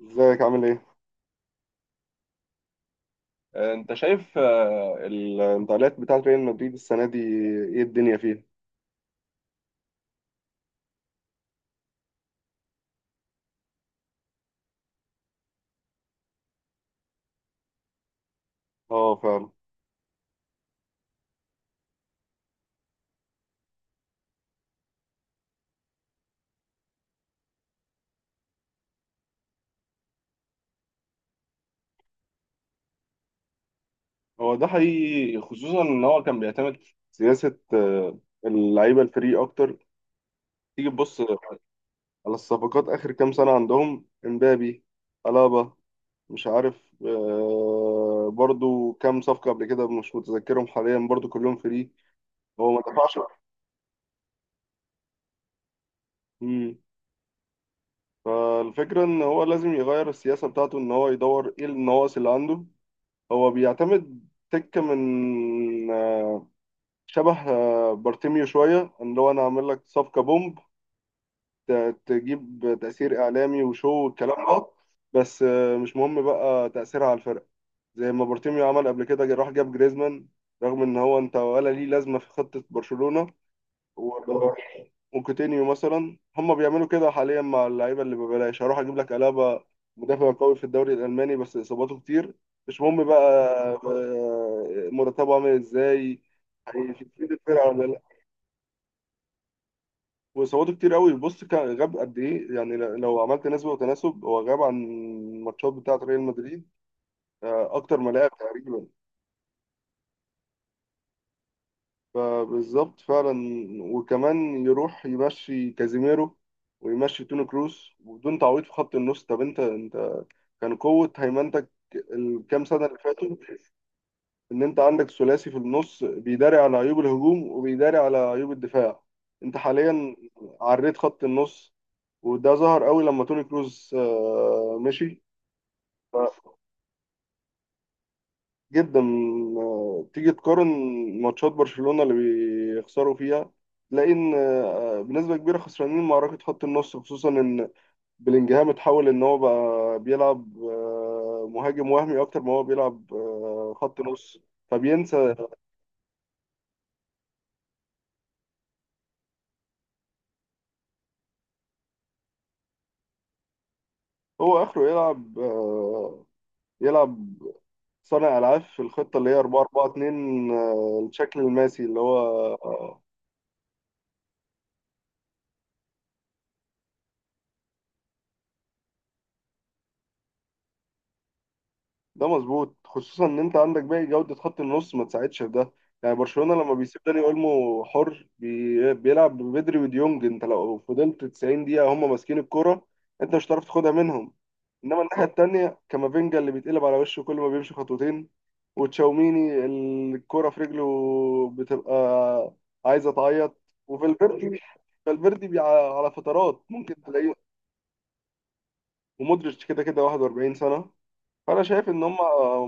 ازيك عامل ايه؟ انت شايف الانتقالات بتاعت ريال مدريد السنة دي. ايه الدنيا فيها؟ اه، فعلا. هو ده حقيقي، خصوصا ان هو كان بيعتمد سياسة اللعيبة الفري اكتر. تيجي تبص على الصفقات اخر كام سنة، عندهم امبابي، الابا، مش عارف، برضو كام صفقة قبل كده مش متذكرهم حاليا، برضو كلهم فري. هو ما دفعش. مم. فالفكرة ان هو لازم يغير السياسة بتاعته، ان هو يدور ايه النواقص اللي عنده. هو بيعتمد تكة من شبه بارتيميو شوية، اللي هو أنا أعمل لك صفقة بومب، تجيب تأثير إعلامي وشو والكلام ده، بس مش مهم بقى تأثيرها على الفرق. زي ما بارتيميو عمل قبل كده، راح جاب جريزمان رغم إن هو أنت ولا ليه لازمة في خطة برشلونة، وكوتينيو مثلا. هم بيعملوا كده حاليا مع اللعيبه اللي ببلاش، هروح اجيب لك الابا، مدافع قوي في الدوري الالماني بس اصاباته كتير، مش مهم بقى مرتبه عامل ازاي، هيفيد الفرقه ولا لا. واصاباته كتير قوي، بص كان غاب قد ايه، يعني لو عملت نسبه وتناسب هو غاب عن الماتشات بتاعه ريال مدريد اكتر ما لعب تقريبا. فبالظبط فعلا. وكمان يروح يمشي كازيميرو ويمشي توني كروس وبدون تعويض في خط النص. طب انت كان قوة هيمنتك الكام سنة اللي فاتوا، إن أنت عندك ثلاثي في النص بيداري على عيوب الهجوم وبيداري على عيوب الدفاع. أنت حاليا عريت خط النص، وده ظهر قوي لما توني كروز مشي. ف- جدا. تيجي تقارن ماتشات برشلونة اللي بيخسروا فيها، تلاقي إن بنسبة كبيرة خسرانين معركة خط النص، خصوصا إن بلينجهام اتحول ان هو بقى بيلعب مهاجم وهمي اكتر ما هو بيلعب خط نص، فبينسى هو اخره يلعب صانع العاب في الخطه اللي هي 4-4-2، الشكل الماسي اللي هو آه، ده مظبوط، خصوصا ان انت عندك باقي جوده خط النص ما تساعدش في ده. يعني برشلونه لما بيسيب داني اولمو حر، بيلعب ببدري وديونج، انت لو فضلت 90 دقيقه هم ماسكين الكوره، انت مش هتعرف تاخدها منهم. انما الناحيه التانيه كامافينجا اللي بيتقلب على وشه كل ما بيمشي خطوتين، وتشاوميني الكرة في رجله بتبقى عايزه تعيط، وفالفيردي. فالفيردي على فترات ممكن تلاقيه. ومودريتش كده كده 41 سنه. فانا شايف ان هم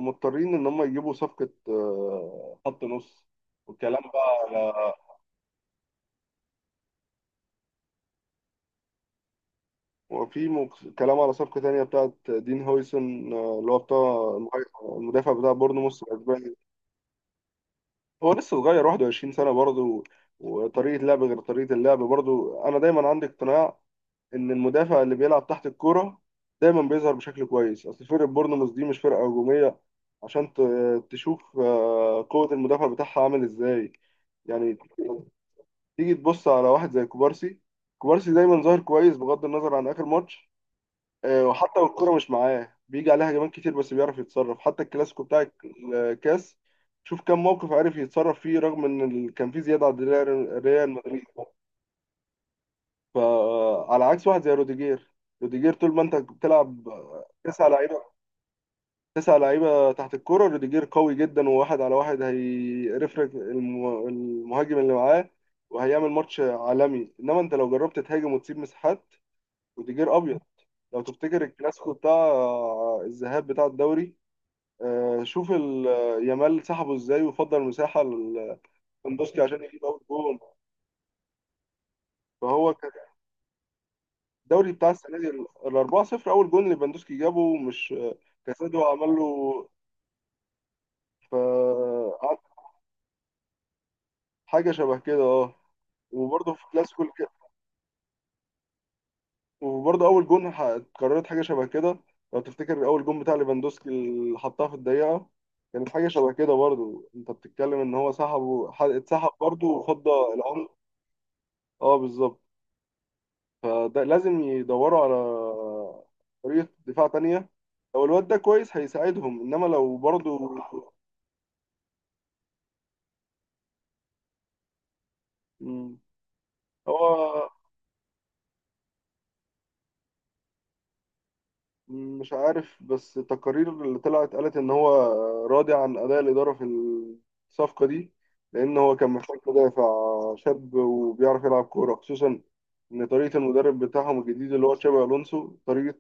مضطرين ان هم يجيبوا صفقه خط نص، والكلام بقى على وفي كلام على صفقه تانيه بتاعت دين هويسون، اللي هو بتاع المدافع بتاع بورنموث الاسباني. هو لسه صغير، 21 سنة برضه، وطريقة لعب غير طريقة اللعب. برضه أنا دايما عندي اقتناع إن المدافع اللي بيلعب تحت الكورة دايما بيظهر بشكل كويس، أصل فرقة بورنموث دي مش فرقة هجومية، عشان تشوف قوة المدافع بتاعها عامل إزاي. يعني تيجي تبص على واحد زي كوبارسي، كوبارسي دايما ظاهر كويس بغض النظر عن آخر ماتش. وحتى والكرة مش معاه بيجي عليها هجمات كتير بس بيعرف يتصرف، حتى الكلاسيكو بتاع الكاس شوف كم موقف عارف يتصرف فيه، رغم ان كان في زيادة عند ريال مدريد. فعلى عكس واحد زي روديجير، روديجير طول ما انت بتلعب تسع لعيبة، تسع لعيبة تحت الكرة، روديجير قوي جدا وواحد على واحد هيرفرك المهاجم اللي معاه، وهيعمل ماتش عالمي. انما انت لو جربت تهاجم وتسيب مساحات، روديجير ابيض. لو تفتكر الكلاسيكو بتاع الذهاب بتاع الدوري، شوف يامال سحبه ازاي وفضل مساحه للبندوسكي عشان يجيب اول جون. فهو كان الدوري بتاع السنه دي ال 4-0، اول جون اللي بندوسكي جابه، مش كاسادو عمل له فقعد حاجه شبه كده، اه. وبرده في كلاسيكو وبرده اول جون اتكررت حاجه شبه كده. لو تفتكر اول جون بتاع ليفاندوسكي اللي حطها في الدقيقه، كانت حاجه شبه كده برضه. انت بتتكلم ان هو سحبه اتسحب برضه وفضى العمر. اه، بالظبط. فده لازم يدوروا على طريقة دفاع تانية، لو الواد ده كويس هيساعدهم، إنما لو برضو. مم. هو مش عارف، بس التقارير اللي طلعت قالت إن هو راضي عن أداء الإدارة في الصفقة دي، لأن هو كان محتاج مدافع شاب وبيعرف يلعب كورة، خصوصا إن طريقة المدرب بتاعهم الجديد، اللي هو تشابي ألونسو، طريقة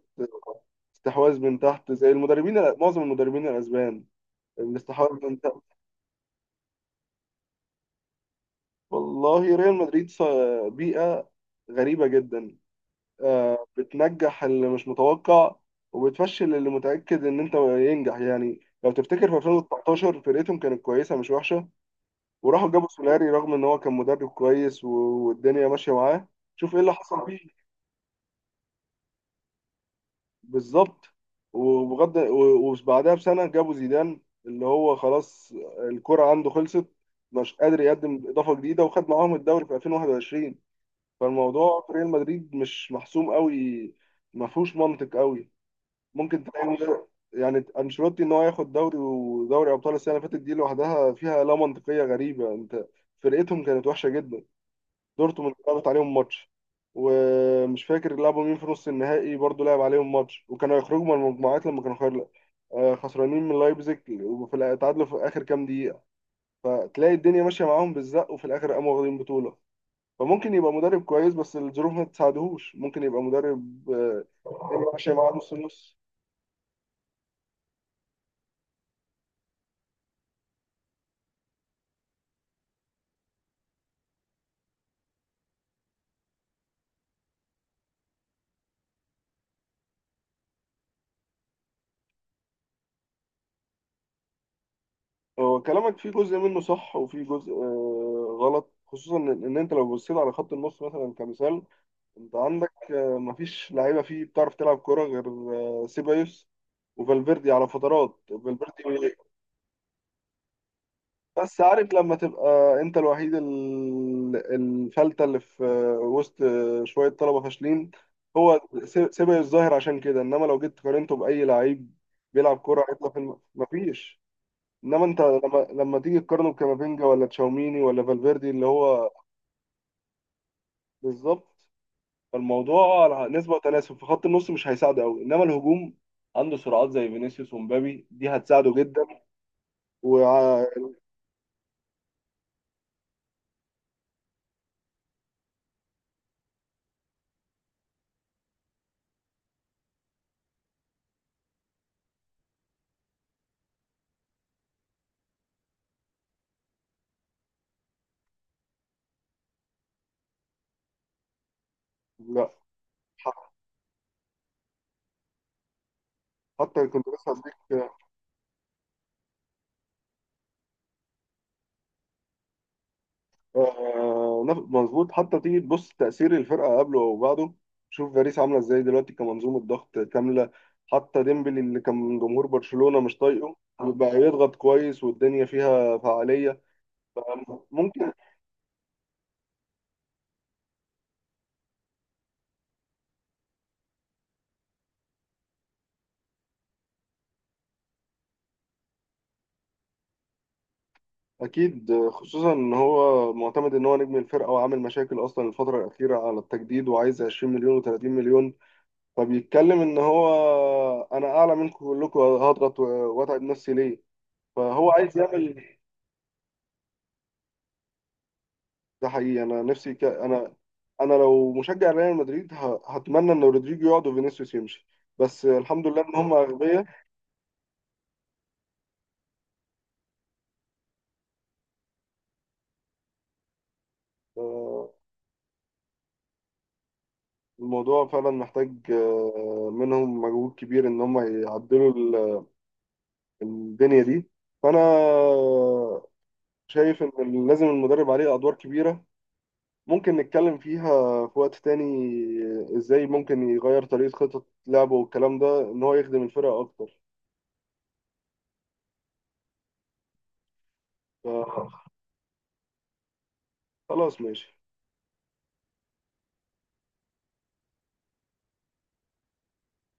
استحواذ من تحت زي المدربين، معظم المدربين الأسبان، الاستحواذ من تحت. والله ريال مدريد في بيئة غريبة جدا، بتنجح اللي مش متوقع وبتفشل اللي متأكد إن أنت ينجح. يعني لو تفتكر في 2019 فرقتهم كانت كويسة، مش وحشة، وراحوا جابوا سولاري، رغم إن هو كان مدرب كويس والدنيا ماشية معاه. شوف إيه اللي حصل فيه. بالظبط. وبعدها بسنة جابوا زيدان، اللي هو خلاص الكرة عنده خلصت، مش قادر يقدم إضافة جديدة، وخد معاهم الدوري في 2021. فالموضوع في ريال مدريد مش محسوم قوي، ما فيهوش منطق قوي. ممكن تلاقي يعني انشيلوتي ان هو ياخد دوري ودوري ابطال السنه اللي فاتت دي لوحدها فيها لا منطقيه غريبه. انت فرقتهم كانت وحشه جدا، دورتموند لعبت عليهم ماتش، ومش فاكر لعبوا مين في نص النهائي برضه لعب عليهم ماتش، وكانوا يخرجوا من المجموعات لما كانوا خير خسرانين من لايبزيج، وفي تعادلوا في اخر كام دقيقه. فتلاقي الدنيا ماشيه معاهم بالزق وفي الاخر قاموا واخدين بطوله. فممكن يبقى مدرب كويس بس الظروف ما تساعدهوش، ممكن يبقى مدرب الدنيا ماشيه معاه نص نص. هو كلامك في جزء منه صح وفي جزء غلط، خصوصا إن انت لو بصيت على خط النص مثلا كمثال، انت عندك مفيش لعيبه فيه بتعرف تلعب كوره غير سيبايوس وفالفيردي على فترات. فالفيردي، بس عارف لما تبقى انت الوحيد الفلتة اللي في وسط شويه طلبه فاشلين، هو سيبه الظاهر عشان كده. انما لو جيت قارنته باي لعيب بيلعب كوره هيطلع في مفيش. انما انت لما تيجي تقارنه بكامافينجا ولا تشاوميني ولا فالفيردي اللي هو بالظبط، فالموضوع على نسبه وتناسب في خط النص مش هيساعده قوي. انما الهجوم عنده سرعات زي فينيسيوس ومبابي دي هتساعده جدا. و لا، حتى كنت لسه هديك. مظبوط، حتى تيجي تبص تأثير الفرقة قبله أو بعده. شوف باريس عاملة إزاي دلوقتي كمنظومة ضغط كاملة، حتى ديمبلي اللي كان جمهور برشلونة مش طايقه بقى يضغط كويس والدنيا فيها فعالية. بقى ممكن أكيد، خصوصا إن هو معتمد إن هو نجم الفرقة، وعامل مشاكل أصلا الفترة الأخيرة على التجديد وعايز 20 مليون و30 مليون، فبيتكلم إن هو أنا أعلى منكم كلكم، هضغط وأتعب نفسي ليه؟ فهو عايز يعمل. ده حقيقي، انا نفسي انا لو مشجع ريال مدريد هتمنى ان رودريجو يقعد وفينيسيوس يمشي، بس الحمد لله ان هم اغبياء. آه، الموضوع فعلا محتاج منهم مجهود كبير ان هم يعدلوا الدنيا دي. فانا شايف ان لازم المدرب عليه ادوار كبيرة، ممكن نتكلم فيها في وقت تاني ازاي ممكن يغير طريقة خطط لعبه والكلام ده ان هو يخدم الفرقة اكتر. فخلاص، ماشي.